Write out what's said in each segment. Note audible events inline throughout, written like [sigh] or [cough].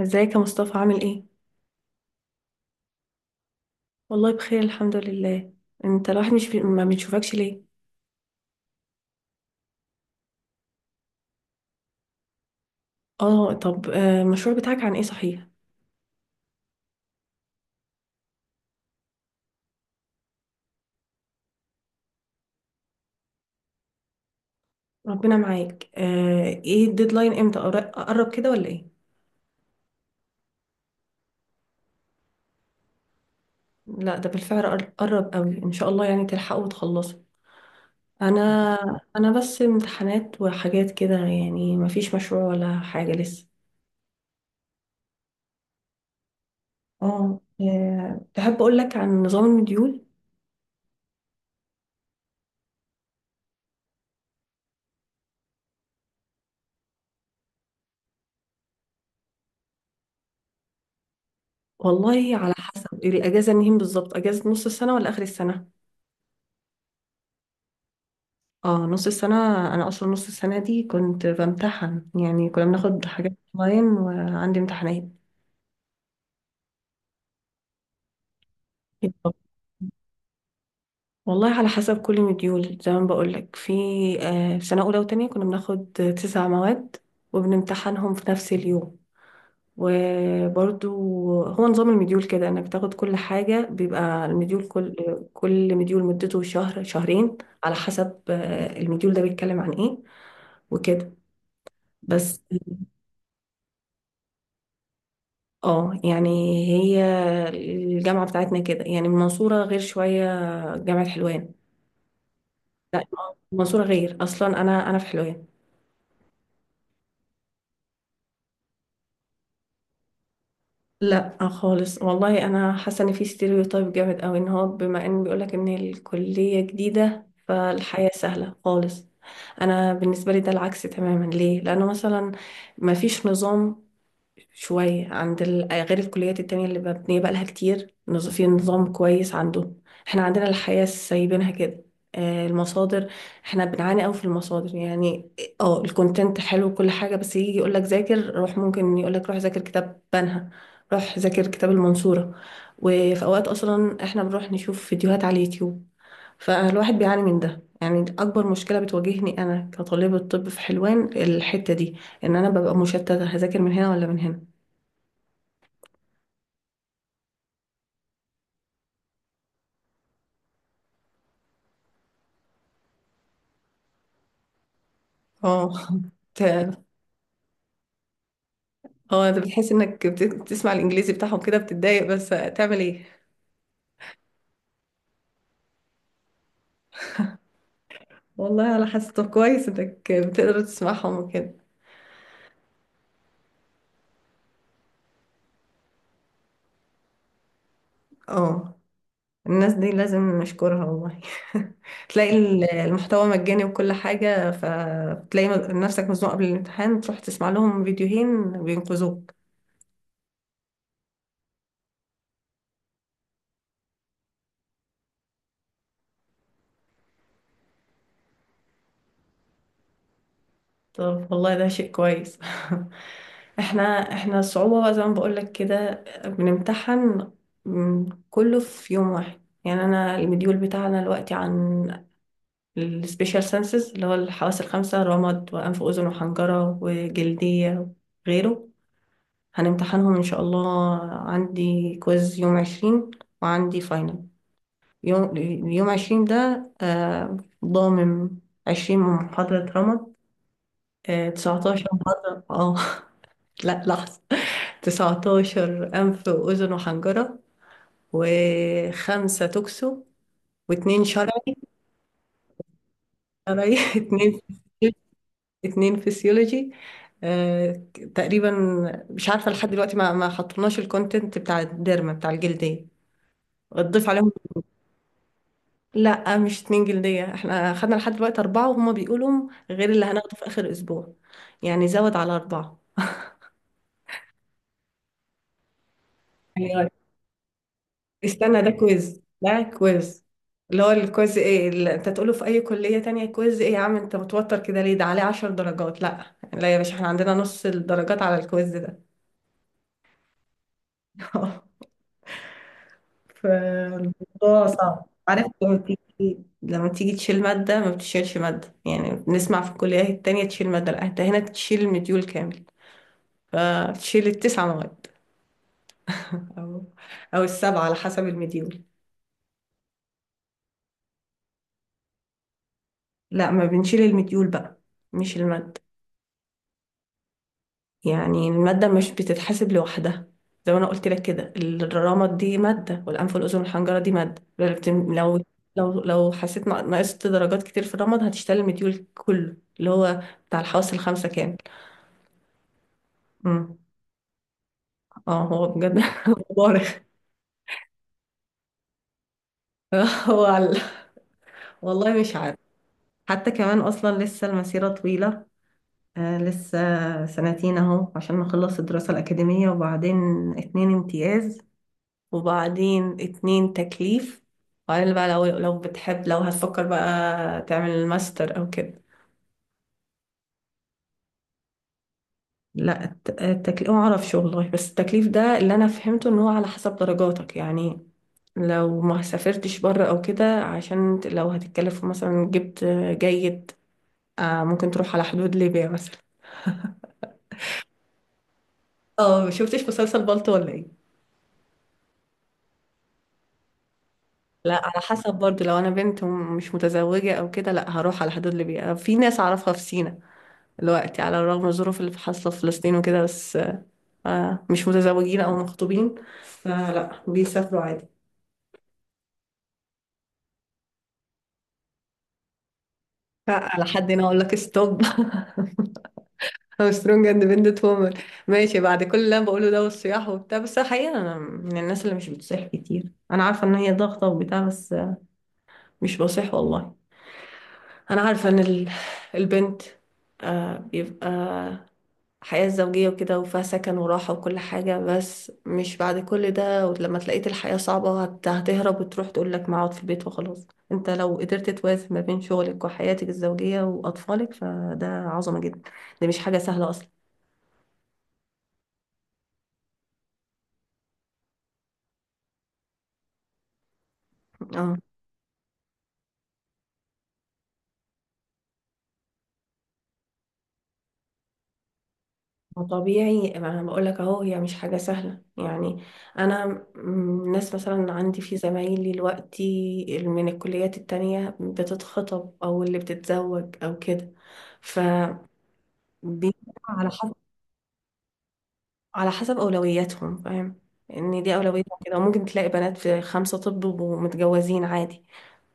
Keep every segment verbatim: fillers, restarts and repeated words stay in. ازيك يا مصطفى، عامل ايه؟ والله بخير، الحمد لله. انت الواحد مش بي... ما بنشوفكش ليه؟ اه طب آه، المشروع بتاعك عن ايه، صحيح؟ ربنا معاك. آه، ايه الديدلاين؟ امتى قر- قرب كده ولا ايه؟ لا ده بالفعل قر- قرب قوي، ان شاء الله يعني تلحقوا وتخلصوا. انا انا بس امتحانات وحاجات كده، يعني ما فيش مشروع ولا حاجة لسه. اه. آه، تحب اقول لك عن نظام المديول؟ والله على حسب الاجازة منين بالظبط، اجازة نص السنة ولا اخر السنة؟ اه، نص السنة. أنا أصلا نص السنة دي كنت بمتحن، يعني كنا بناخد حاجات أونلاين وعندي امتحانات. والله على حسب، كل مديول زي ما بقولك، في آه، في سنة أولى وتانية كنا بناخد تسع مواد، وبنمتحنهم في نفس اليوم، وبرضو هو نظام المديول كده، إنك بتاخد كل حاجة. بيبقى المديول كل كل مديول مدته شهر شهرين، على حسب آه، المديول ده بيتكلم عن إيه، وكده بس. اه يعني، هي الجامعة بتاعتنا كده، يعني المنصورة غير شوية، جامعة حلوان. لا، المنصورة غير اصلا، انا انا في حلوان. لا خالص، والله انا حاسة ان في ستيريوتايب جامد اوي، ان هو بما ان بيقولك ان الكلية جديدة فالحياة سهلة خالص. انا بالنسبة لي ده العكس تماما، ليه؟ لانه مثلا ما فيش نظام شوية عند ال... آه، غير الكليات التانية اللي مبنية بقالها كتير نظ- في نظام كويس عندهم. احنا عندنا الحياة سايبينها كده. آه، المصادر، احنا بنعاني قوي في المصادر يعني. اه الكونتنت حلو وكل حاجة، بس يجي يقولك ذاكر روح، ممكن يقولك روح ذاكر كتاب بنها، روح ذاكر كتاب المنصورة. وفي اوقات اصلا احنا بنروح نشوف فيديوهات على اليوتيوب. فالواحد بيعاني من ده، يعني اكبر مشكلة بتواجهني انا كطالبة طب في حلوان الحتة دي، ان انا ببقى مشتتة، هذاكر من هنا ولا من هنا. اه. ت- اه انت بتحس انك بت- بتسمع الانجليزي بتاعهم كده بتتضايق، بس تعمل ايه؟ والله على حسب، طب كويس انك بتقدر تسمعهم وكده. اه، الناس دي لازم نشكرها والله. [laughs] تلاقي ال- المحتوى مجاني وكل حاجة، فتلاقي نفسك مزنوق قبل الامتحان تروح تسمع لهم فيديوهين بينقذوك. طب والله ده شيء كويس. [laughs] احنا، احنا الصعوبة بقى زي ما بقولك كده، بنمتحن م- كله في يوم واحد، يعني انا المديول بتاعنا دلوقتي عن السبيشال سنسز اللي هو الحواس الخمسة، رمد وانف واذن وحنجرة وجلدية وغيره. هنمتحنهم ان شاء الله. عندي كويز يوم عشرين، وعندي فاينل يوم يوم عشرين ده آه، ضامن عشرين محاضرة رمد، آه، تسعتاشر محاضرة اه. [laughs] لا لحظة. تسعة عشر أنف وأذن وحنجرة، وخمسة توكسو، واتنين شرعي. شرعي [laughs] اتنين اتنين فسيولوجي آه، تقريبا. مش عارفة لحد دلوقتي، ما ما حطيناش الكونتنت بتاع الديرما بتاع الجلدية. تضيف عليهم. لا مش اتنين جلدية، احنا خدنا لحد دلوقتي أربعة، وهما بيقولوا غير اللي هناخده في آخر أسبوع، يعني زود على أربعة. استنى، ده كويز. ده كويز اللي هو الكويز ايه اللي انت تقوله في اي كلية تانية. كويز ايه يا عم؟ انت متوتر كده ليه؟ ده عليه عشر درجات؟ لا لا يا باشا، احنا عندنا نص الدرجات على الكويز ده. [laughs] فالموضوع صعب، عارف؟ لما تيجي، لما تيجي تشيل مادة، ما بتشيلش مادة يعني، بنسمع في الكليات التانية تشيل مادة. لا، انت هنا تشيل مديول كامل. فتشيل التسع مواد. [laughs] او او السبعة على حسب المديول. لا، ما بنشيل المديول بقى، مش المادة. يعني المادة مش بتتحسب لوحدها. زي ما انا قلت لك كده، الرمد دي مادة، والانف والاذن والحنجرة دي مادة. لو بت- لو لو لو حسيت نق- نقصت درجات كتير في الرمد هتشتغل المديول كله اللي هو بتاع الحواس الخمسة كامل. امم. اه هو بجد. [laughs] مبارك. هو على- والله مش عارف، حتى كمان اصلا لسه المسيرة طويلة. آه لسه سنتين اهو عشان نخلص الدراسة الأكاديمية، وبعدين اتنين امتياز، وبعدين اتنين تكليف، وبعدين بقى لو لو بتحب، لو هتفكر بقى تعمل الماستر او كده. لا، الت- التكليف ما اعرفش والله، بس التكليف ده اللي انا فهمته ان هو على حسب درجاتك، يعني لو ما سافرتش بره او كده عشان ت- لو هتتكلف مثلا جبت جيد، آه، ممكن تروح على حدود ليبيا مثلا. اه، ما شفتش مسلسل بالطو ولا ايه؟ لا على حسب برضو، لو انا بنت ومش متزوجة او كده لا هروح على حدود ليبيا. في ناس اعرفها في سينا دلوقتي، على الرغم من الظروف اللي حاصلة في فلسطين وكده، بس آه، مش متزوجين أو مخطوبين فلا بيسافروا عادي. لا، على حد هنا أقول لك ستوب. [laughs] أو سترونج اندبندنت وومن. [laughs] ماشي، بعد كل اللي أنا بقوله ده والصياح وبتاع، بس حقيقة أنا من الناس اللي مش بتصيح كتير، أنا عارفة إن هي ضغطة وبتاع، بس مش بصيح والله. أنا عارفة إن ال- البنت آه، بيبقى حياة زوجية وكده، وفيها سكن وراحة وكل حاجة. بس مش بعد كل ده ولما تلاقيت الحياة صعبة هت- هتهرب وتروح تقول لك ما اقعد في البيت وخلاص. انت لو قدرت توازن ما بين شغلك وحياتك الزوجية وأطفالك فده عظمة جدا، ده مش حاجة سهلة أصلا. اه، ما طبيعي، ما انا بقول لك اهو هي مش حاجة سهلة يعني. انا م- ناس مثلا عندي في زمايلي دلوقتي من الكليات التانية بتتخطب او اللي بتتزوج او كده. ف بي- على حسب على حسب أولوياتهم، فاهم؟ إن دي أولوياتهم كده، وممكن تلاقي بنات في خمسة طب ومتجوزين عادي.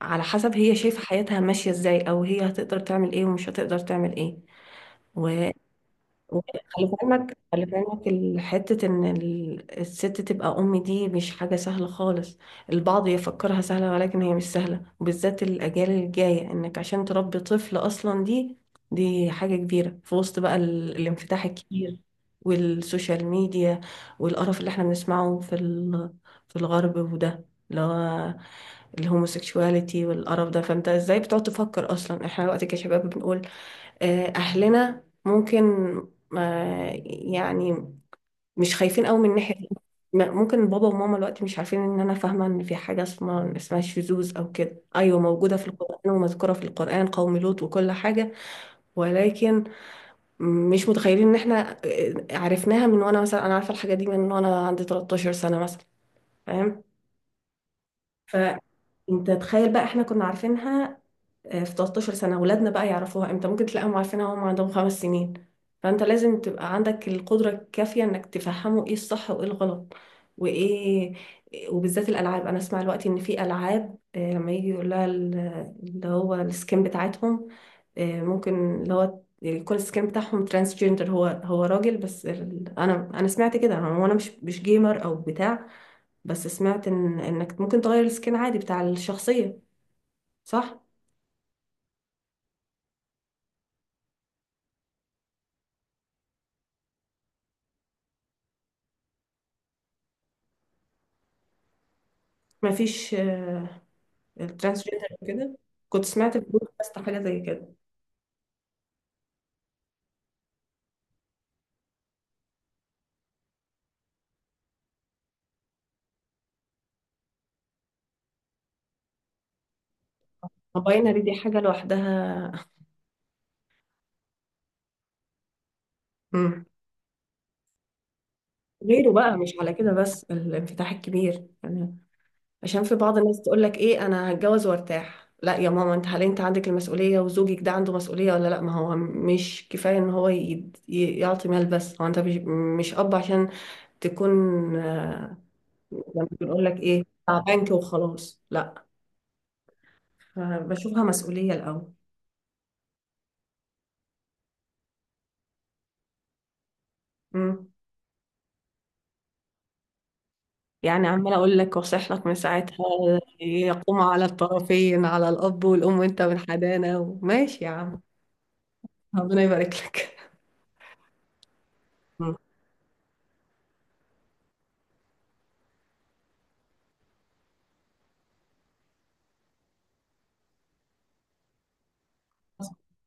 على حسب هي شايفة حياتها ماشية إزاي، أو هي هتقدر تعمل إيه ومش هتقدر تعمل إيه. خلي في علمك خلي في علمك الحتة، إن ال- الست تبقى أم دي مش حاجة سهلة خالص. البعض يفكرها سهلة ولكن هي مش سهلة، وبالذات الأجيال الجاية، إنك عشان تربي طفل أصلا دي دي حاجة كبيرة، في وسط بقى ال- الانفتاح الكبير، والسوشيال ميديا، والقرف اللي احنا بنسمعه في ال- في الغرب وده، اللي هو الهوموسيكشواليتي والقرف ده. فانت ازاي بتقعد تفكر اصلا، احنا دلوقتي كشباب بنقول آه، أهلنا ممكن ما يعني مش خايفين قوي من ناحية. ما- ممكن بابا وماما دلوقتي مش عارفين، إن أنا فاهمة إن في حاجة اسمها اسمها شذوذ أو كده. أيوة موجودة في القرآن ومذكورة في القرآن، قوم لوط وكل حاجة. ولكن مش متخيلين إن إحنا آه، عرفناها من وأنا مثلا، أنا عارفة الحاجة دي من وأنا عندي تلتاشر سنة مثلا، فاهم؟ ف انت تخيل بقى، احنا كنا عارفينها آه، في تلتاشر سنة. ولادنا بقى يعرفوها امتى؟ ممكن تلاقيهم عارفينها وهم عندهم خمس سنين. فانت لازم تبقى عندك القدرة الكافية انك تفهموا ايه الصح وايه الغلط وايه وبالذات الالعاب، انا اسمع الوقت ان في العاب آه، لما يجي يقول لها ال- اللي هو السكين بتاعتهم، آه، ممكن اللي هو يكون السكين بتاعهم ترانس جندر، هو هو راجل بس ال... انا انا سمعت كده، انا وانا مش مش جيمر او بتاع، بس سمعت ان انك ممكن تغير السكين عادي بتاع الشخصية، صح. مفيش آه، الترانسجندر وكده، كنت سمعت في بودكاست حاجه زي كده. الباينري دي حاجه لوحدها. مم. غيره بقى مش على كده، بس الانفتاح الكبير يعني. عشان في بعض الناس تقول لك ايه، انا هتجوز وارتاح. لا يا ماما انت، هل انت عندك المسؤوليه؟ وزوجك ده عنده مسؤوليه ولا لا؟ ما هو مش كفايه ان هو يد- ي- يعطي مال بس، هو انت مش، مش اب عشان تكون آه، لما بنقول لك ايه، بتاع بنك وخلاص، لا. فبشوفها مسؤوليه الاول. مم. يعني عمالة أقول لك وأصيح لك من ساعتها، يقوم على الطرفين، على الأب والأم، وأنت من حدانا، وماشي يا عم. ربنا يبارك لك. مم. [laughs]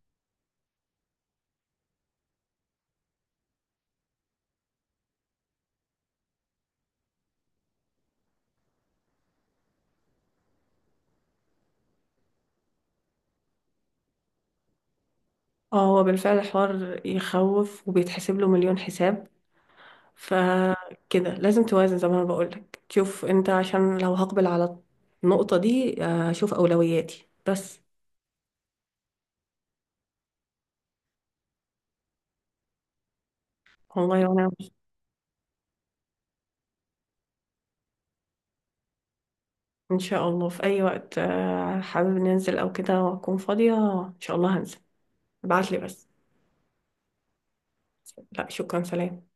اه، هو بالفعل حوار يخوف، وبيتحسب له مليون حساب. فكده لازم توازن زي ما أنا بقول لك، تشوف أنت عشان لو هقبل على النقطة دي آه، أشوف أولوياتي بس. والله وأنا. إن شاء الله، في أي وقت آه، حابب ننزل أو كده وأكون فاضية إن شاء الله هنزل، ابعتلي بس. لا شكرا، سلام.